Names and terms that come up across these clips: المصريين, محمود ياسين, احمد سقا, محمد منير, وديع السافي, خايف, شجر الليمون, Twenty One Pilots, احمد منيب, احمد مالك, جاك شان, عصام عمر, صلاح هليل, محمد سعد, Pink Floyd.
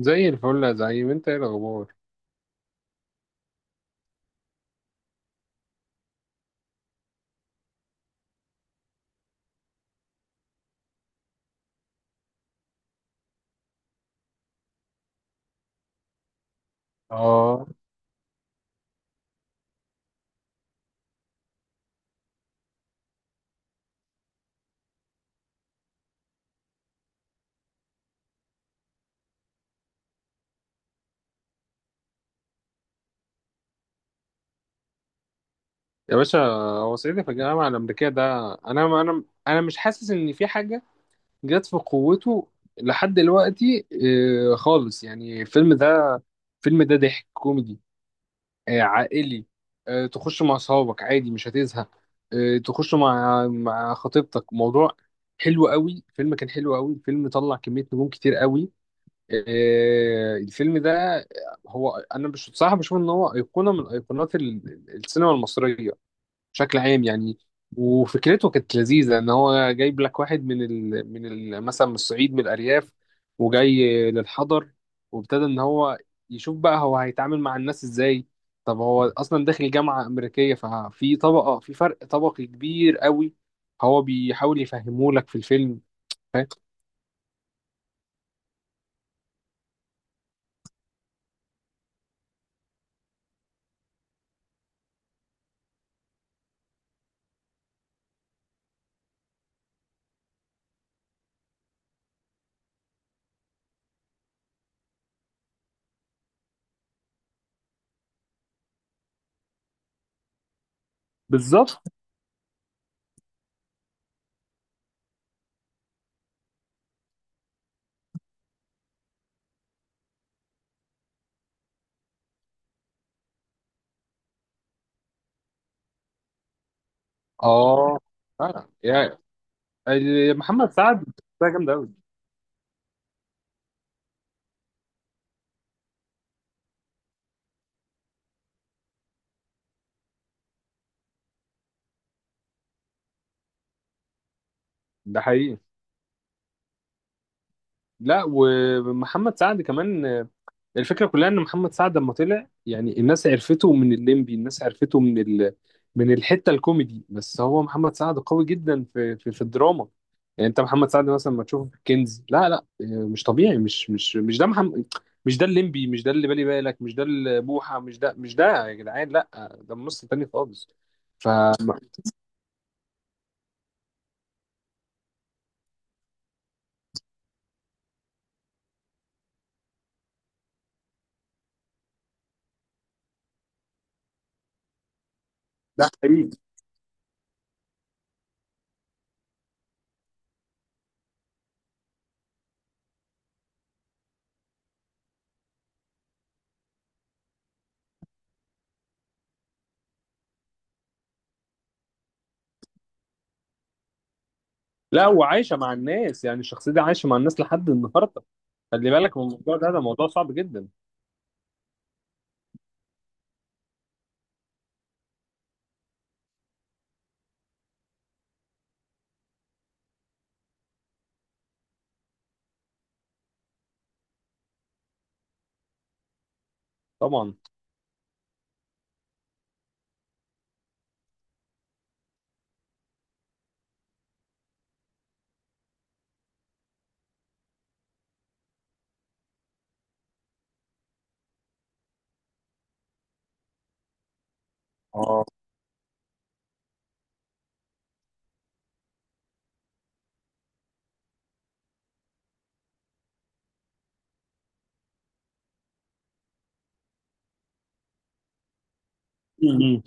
زي الفل يا زعيم، انت ايه الاخبار؟ اه يا باشا. هو صعيدي في الجامعه الامريكيه ده، انا مش حاسس ان في حاجه جت في قوته لحد دلوقتي. اه، خالص يعني. الفيلم ده ضحك كوميدي، اه، عائلي. اه، تخش مع اصحابك عادي، مش هتزهق. اه، تخش مع خطيبتك، موضوع حلو قوي. الفيلم كان حلو قوي، الفيلم طلع كميه نجوم كتير قوي. الفيلم ده، هو انا مش بصراحه بشوف ان هو ايقونه من ايقونات السينما المصريه بشكل عام يعني. وفكرته كانت لذيذه، ان هو جايب لك واحد مثلا من الصعيد، من الارياف، وجاي للحضر، وابتدى ان هو يشوف بقى هو هيتعامل مع الناس ازاي. طب هو اصلا داخل جامعه امريكيه، ففي طبقه، في فرق طبقي كبير قوي، هو بيحاول يفهمه لك في الفيلم. فاهم؟ بالظبط اه. فعلا محمد سعد ده جامد قوي. ده حقيقي. لا، ومحمد سعد كمان، الفكره كلها ان محمد سعد لما طلع، يعني الناس عرفته من الليمبي، الناس عرفته من الحته الكوميدي، بس هو محمد سعد قوي جدا في الدراما. يعني انت محمد سعد مثلا ما تشوفه في الكنز، لا لا، مش طبيعي، مش ده محمد، مش ده الليمبي، مش ده اللي بالي بالك، مش ده البوحه، مش ده يا جدعان، لا، ده ممثل تاني خالص. ف ده حقيقي. لا، وعايشه مع الناس، يعني الشخصيه دي عايشه مع الناس لحد النهارده. خلي بالك من الموضوع ده، ده موضوع صعب جدا. طبعا. اه. مم.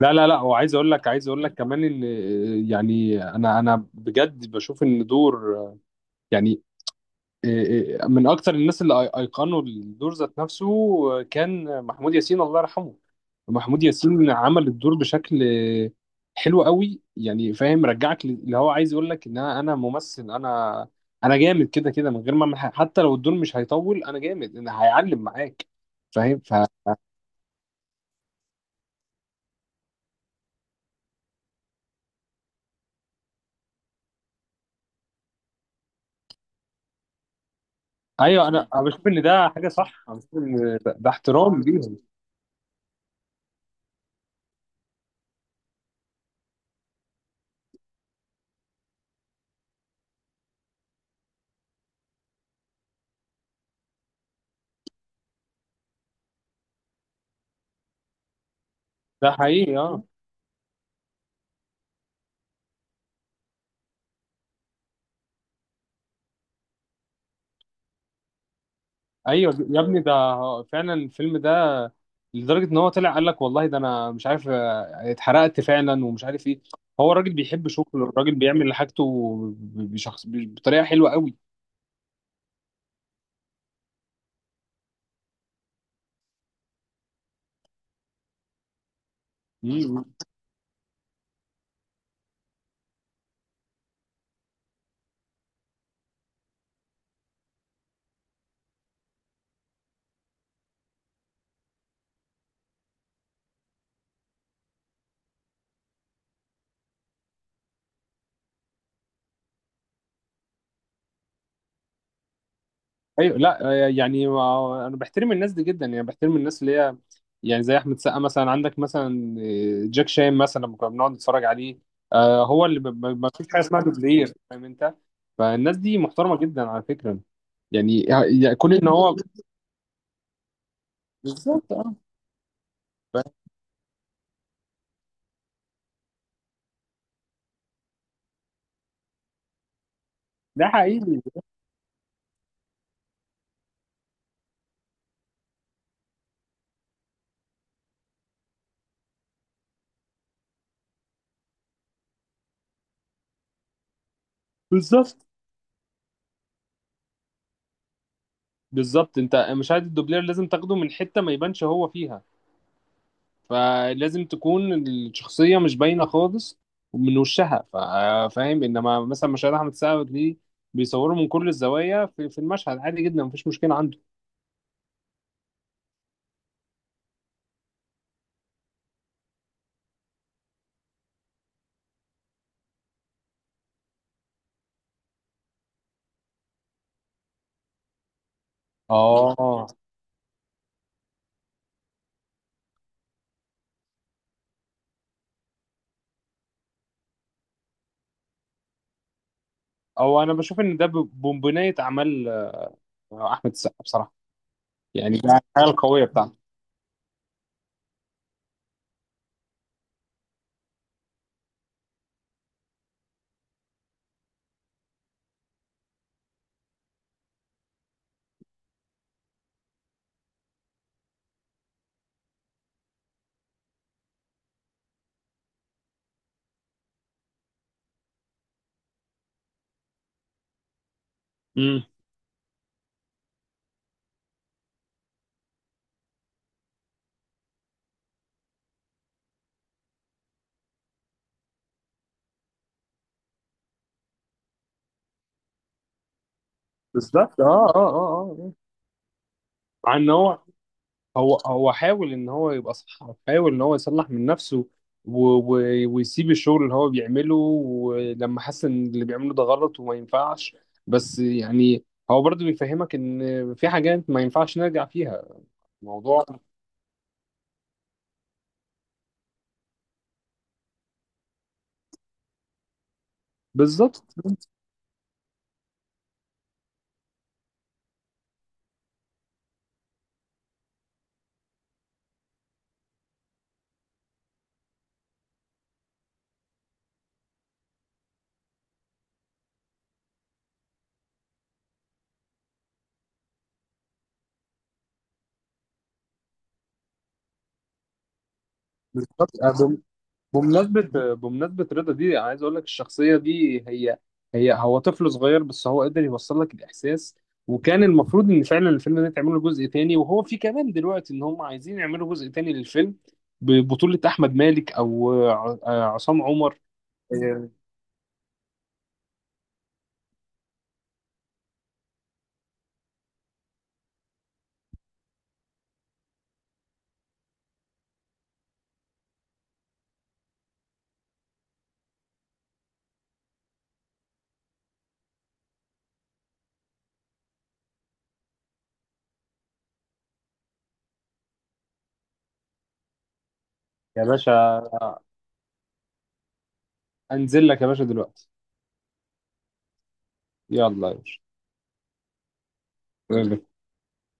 لا وعايز اقول لك، عايز اقول لك كمان اللي يعني انا بجد بشوف ان دور، يعني من اكتر الناس اللي ايقنوا الدور ذات نفسه كان محمود ياسين، الله يرحمه. محمود ياسين عمل الدور بشكل حلو قوي، يعني فاهم، رجعك اللي هو عايز يقول لك ان انا ممثل، انا جامد كده كده من غير ما أعمل حاجة. حتى لو الدور مش هيطول انا جامد، انا هيعلم معاك. فاهم؟ ايوه، انا بشوف ان ده حاجه صح، انا بشوف ان ده احترام ليهم. ده حقيقي اه. ايوه يا ابني، فعلا الفيلم ده لدرجه ان هو طلع قال لك والله ده انا مش عارف، اتحرقت فعلا ومش عارف ايه. هو الراجل بيحب شغله، الراجل بيعمل حاجته بشخص بطريقه حلوه قوي. مم. ايوه لا، يعني انا بحترم الناس دي جدا، يعني بحترم الناس اللي هي يعني زي احمد سقا مثلا، عندك مثلا جاك شان مثلا، لما كنا بنقعد نتفرج عليه، هو اللي ما فيش حاجه اسمها دوبلير، فاهم انت؟ فالناس دي محترمه جدا على فكره. يعني كون ان هو بالظبط اه. ف- ده حقيقي. بالظبط بالظبط انت مشاهد الدوبلير لازم تاخده من حته ما يبانش هو فيها، فلازم تكون الشخصيه مش باينه خالص من وشها، فاهم. انما مثلا مشاهد احمد سعد دي بيصوروا من كل الزوايا، في المشهد عادي جدا، مفيش مشكله عنده. اه. او انا بشوف ان ده بنبنيه اعمال، احمد السقا بصراحه، يعني ده الحاجه القويه بتاعته. امم. بالظبط اه. مع ان هو هو حاول ان هو يبقى صح، حاول ان هو يصلح من نفسه، و... و... ويسيب الشغل اللي هو بيعمله، ولما حس ان اللي بيعمله ده غلط وما ينفعش، بس يعني هو برضه بيفهمك ان في حاجات ما ينفعش نرجع فيها الموضوع. بالظبط بالظبط، بمناسبة بمناسبة رضا دي، أنا عايز أقول لك الشخصية دي، هي هو طفل صغير بس هو قدر يوصل لك الإحساس. وكان المفروض إن فعلا الفيلم ده يتعمل له جزء تاني، وهو في كمان دلوقتي إن هم عايزين يعملوا جزء تاني للفيلم ببطولة أحمد مالك أو عصام عمر. يا باشا، أنزل لك يا باشا دلوقتي. يلا يا باشا.